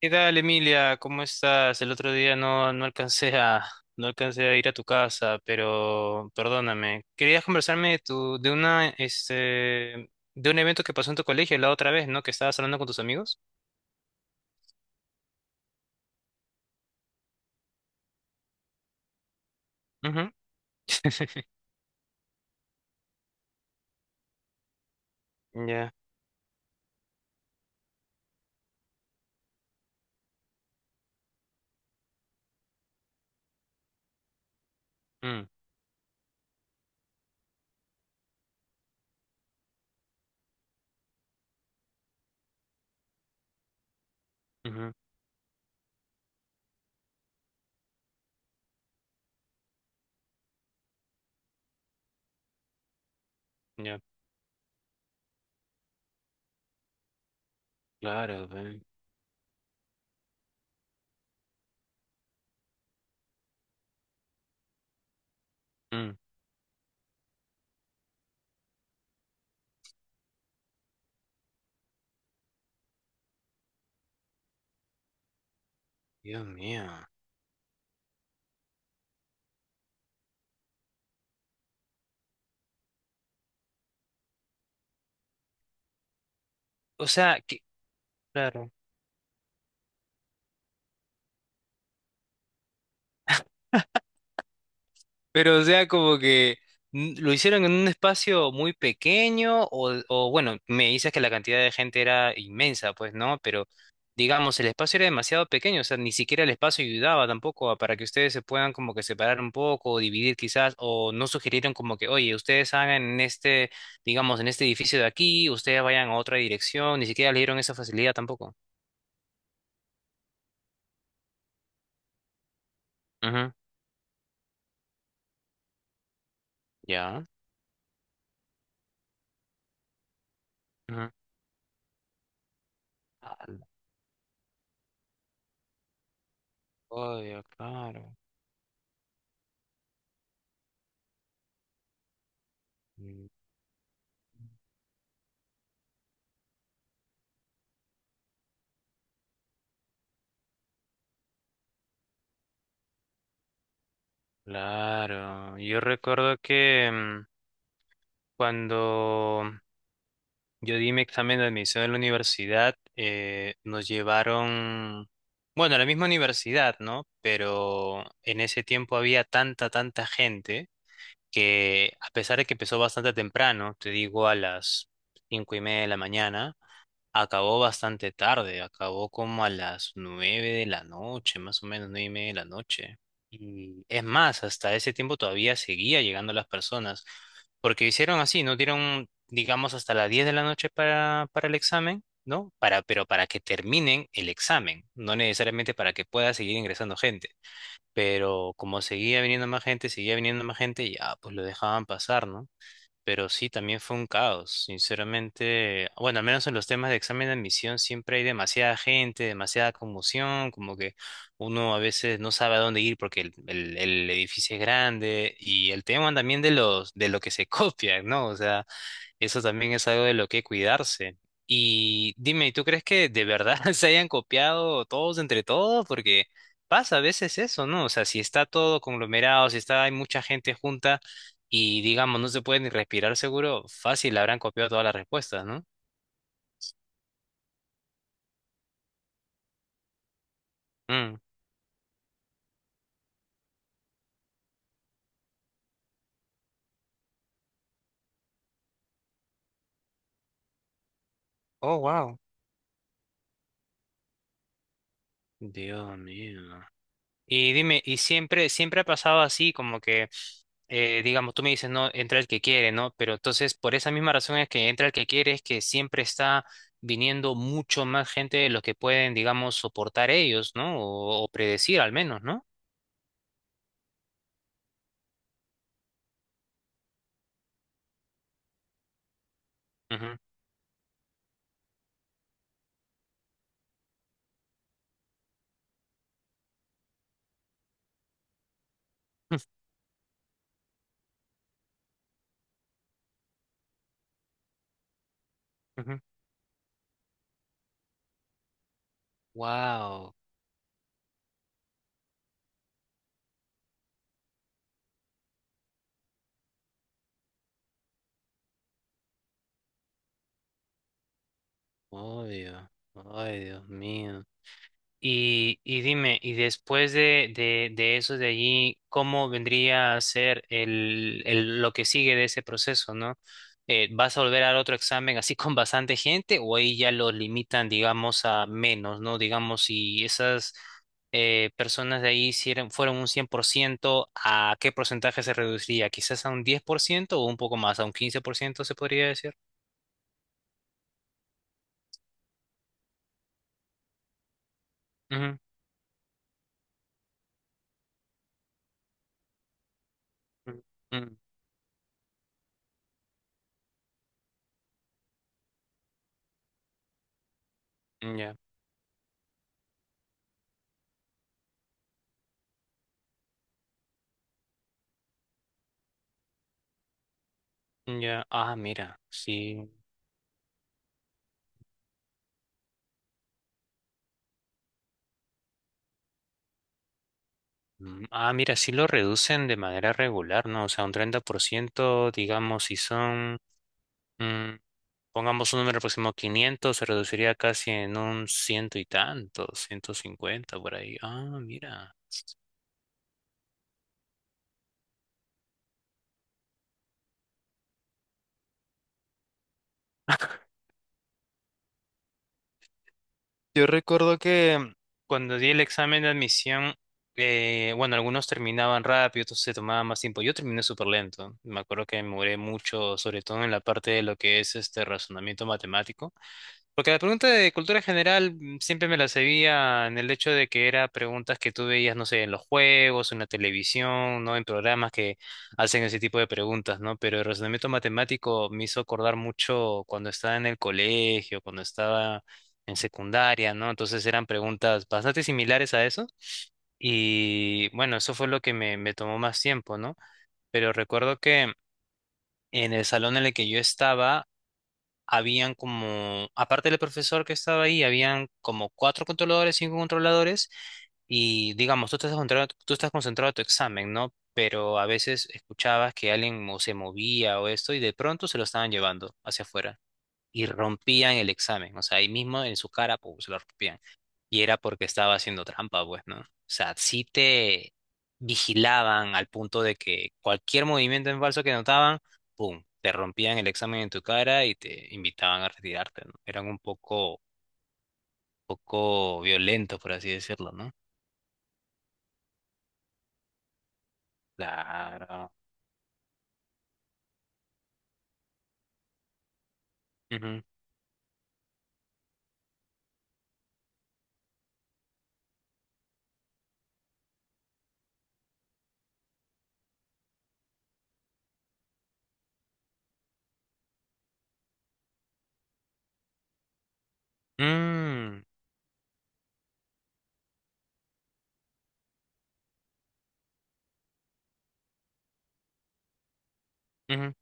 ¿Qué tal, Emilia? ¿Cómo estás? El otro día no alcancé a ir a tu casa, pero perdóname. Querías conversarme de tu, de una, este, de un evento que pasó en tu colegio la otra vez, ¿no? Que estabas hablando con tus amigos. Ujú. Ya. Mm. Ujú. Ya. Claro, ve. Mm. Dios mío. O sea, que, claro. Pero, o sea, como que lo hicieron en un espacio muy pequeño, bueno, me dices que la cantidad de gente era inmensa, pues no, pero digamos, el espacio era demasiado pequeño, o sea, ni siquiera el espacio ayudaba tampoco para que ustedes se puedan como que separar un poco, o dividir quizás, o no sugirieron como que, oye, ustedes hagan en este, digamos, en este edificio de aquí, ustedes vayan a otra dirección, ni siquiera le dieron esa facilidad tampoco. Ujú. Ya. Ujú. Ah, la joya, claro. Claro, yo recuerdo que cuando yo di mi examen de admisión en la universidad, nos llevaron, bueno, a la misma universidad, ¿no? Pero en ese tiempo había tanta, tanta gente que a pesar de que empezó bastante temprano, te digo a las 5:30 de la mañana, acabó bastante tarde, acabó como a las 9 de la noche, más o menos 9:30 de la noche. Y es más, hasta ese tiempo todavía seguía llegando las personas, porque hicieron así, no dieron, digamos, hasta las 10 de la noche para, el examen, ¿no? Pero para que terminen el examen, no necesariamente para que pueda seguir ingresando gente. Pero como seguía viniendo más gente, seguía viniendo más gente, ya, pues lo dejaban pasar, ¿no? Pero sí, también fue un caos, sinceramente. Bueno, al menos en los temas de examen de admisión siempre hay demasiada gente, demasiada conmoción, como que uno a veces no sabe a dónde ir porque el edificio es grande y el tema también de lo que se copia, ¿no? O sea, eso también es algo de lo que cuidarse. Y dime, ¿tú crees que de verdad se hayan copiado todos entre todos? Porque pasa a veces eso, ¿no? O sea, si está todo conglomerado, si está, hay mucha gente junta y digamos, no se puede ni respirar seguro, fácil habrán copiado todas las respuestas, ¿no? Mm. Oh, wow. Dios mío. Y dime, ¿y siempre, siempre ha pasado así, como que, digamos, tú me dices, no, entra el que quiere, ¿no? Pero entonces, por esa misma razón es que entra el que quiere, es que siempre está viniendo mucho más gente de los que pueden, digamos, soportar ellos, ¿no? O predecir al menos, ¿no? Ujú. Wow, obvio. Ay, Dios mío. Y dime, y después de eso de allí, ¿cómo vendría a ser lo que sigue de ese proceso, ¿no? ¿Vas a volver al otro examen así con bastante gente o ahí ya lo limitan, digamos, a menos, ¿no? Digamos, si esas personas de ahí hicieron, fueron un 100%, ¿a qué porcentaje se reduciría? ¿Quizás a un 10% o un poco más, a un 15% se podría decir? Ujú. Ujú. Ujú. Ya. Ya. Ah, mira, sí. Mm. Ah, mira, sí lo reducen de manera regular, ¿no? O sea, un 30%, digamos, si son, mm, pongamos un número próximo, 500, se reduciría casi en un ciento y tanto, 150 por ahí. Ah, mira. Yo recuerdo que cuando di el examen de admisión, bueno, algunos terminaban rápido, otros se tomaban más tiempo. Yo terminé súper lento. Me acuerdo que me demoré mucho, sobre todo en la parte de lo que es este razonamiento matemático. Porque la pregunta de cultura general siempre me la sabía, en el hecho de que era preguntas que tú veías, no sé, en los juegos, en la televisión, ¿no? En programas que hacen ese tipo de preguntas, ¿no? Pero el razonamiento matemático me hizo acordar mucho cuando estaba en el colegio, cuando estaba en secundaria, ¿no? Entonces eran preguntas bastante similares a eso. Y bueno, eso fue lo que me tomó más tiempo, ¿no? Pero recuerdo que en el salón en el que yo estaba, habían como, aparte del profesor que estaba ahí, habían como cuatro controladores, cinco controladores, y digamos, tú estás concentrado en tu examen, ¿no? Pero a veces escuchabas que alguien se movía o esto, y de pronto se lo estaban llevando hacia afuera y rompían el examen. O sea, ahí mismo en su cara, pum, se lo rompían. Y era porque estaba haciendo trampa, pues, ¿no? O sea, sí te vigilaban al punto de que cualquier movimiento en falso que notaban, pum, te rompían el examen en tu cara y te invitaban a retirarte, ¿no? Eran un poco, poco violentos, por así decirlo, ¿no? Claro. Ujú. Mm. Ujú.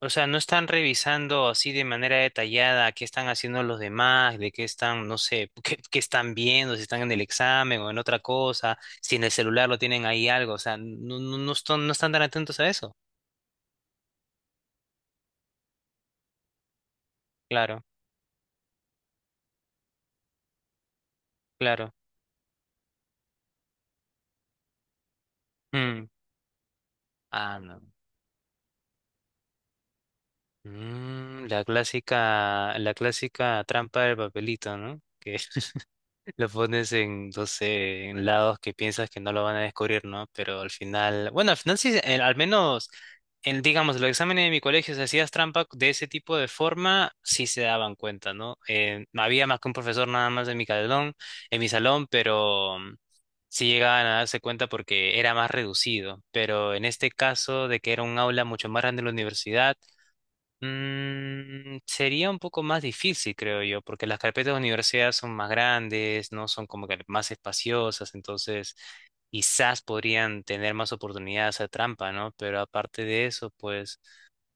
O sea, no están revisando así de manera detallada qué están haciendo los demás, de qué están, no sé, qué están viendo, si están en el examen o en otra cosa, si en el celular lo tienen ahí algo, o sea, no, no, no están tan atentos a eso. Claro, claro. Mm. Ah, no. La clásica, trampa del papelito, ¿no? Que lo pones en, no sé, en lados que piensas que no lo van a descubrir, ¿no? Pero al final, bueno, al final sí, al menos, en, digamos, los exámenes de mi colegio, si hacías trampa de ese tipo de forma, sí se daban cuenta, ¿no? No había más que un profesor nada más en mi salón, pero sí llegaban a darse cuenta porque era más reducido. Pero en este caso de que era un aula mucho más grande de la universidad, sería un poco más difícil, creo yo, porque las carpetas de universidad son más grandes, no son como que más espaciosas, entonces quizás podrían tener más oportunidades a trampa, ¿no? Pero aparte de eso, pues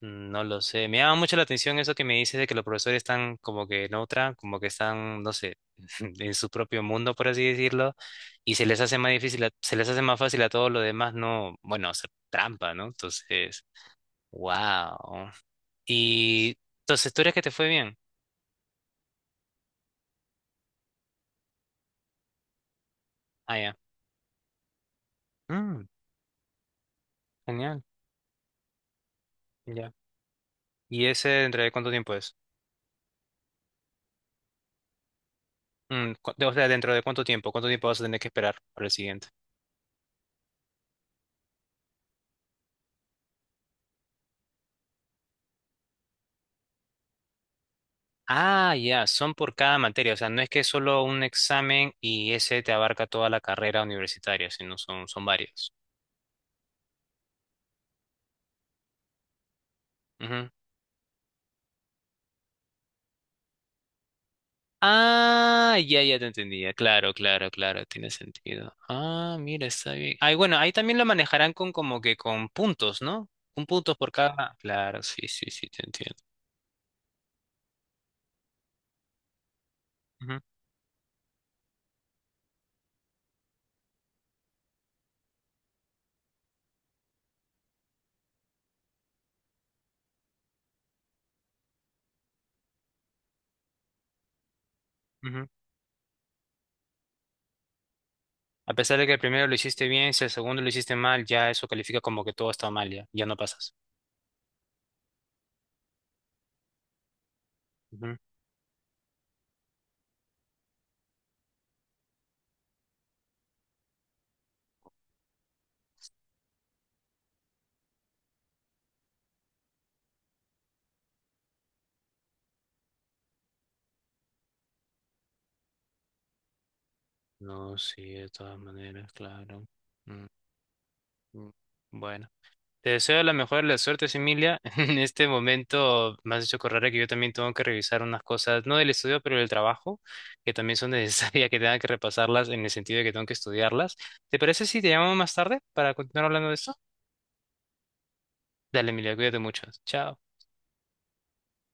no lo sé. Me llama mucho la atención eso que me dices de que los profesores están como que en otra, como que están, no sé, en su propio mundo, por así decirlo, y se les hace más difícil, se les hace más fácil a todos los demás no, bueno, hacer trampa, ¿no? Entonces, wow. Y entonces, ¿tú eres que te fue bien? Ah, ya. Mm, genial, ya. ¿Y ese dentro de cuánto tiempo es? O sea, ¿dentro de cuánto tiempo? ¿Cuánto tiempo vas a tener que esperar para el siguiente? Ah, ya, son por cada materia, o sea, no es que es solo un examen y ese te abarca toda la carrera universitaria, sino son, varios. Ujú. Ah, ya, ya te entendía, claro, claro, claro, tiene sentido. Ah, mira, está bien. Ay, bueno, ahí también lo manejarán con como que con puntos, ¿no? Un punto por cada. Claro, sí, sí, sí, te entiendo. Ujú. Ujú. A pesar de que el primero lo hiciste bien, si el segundo lo hiciste mal, ya eso califica como que todo está mal, ya, ya no pasas. Ujú. No, sí, de todas maneras, claro. Mm. Mm. Bueno, te deseo la mejor de las suertes, Emilia. En este momento me has hecho correr, que yo también tengo que revisar unas cosas, no del estudio, pero del trabajo, que también son necesarias, que tenga que repasarlas en el sentido de que tengo que estudiarlas. ¿Te parece si te llamamos más tarde para continuar hablando de esto? Dale, Emilia, cuídate mucho. Chao.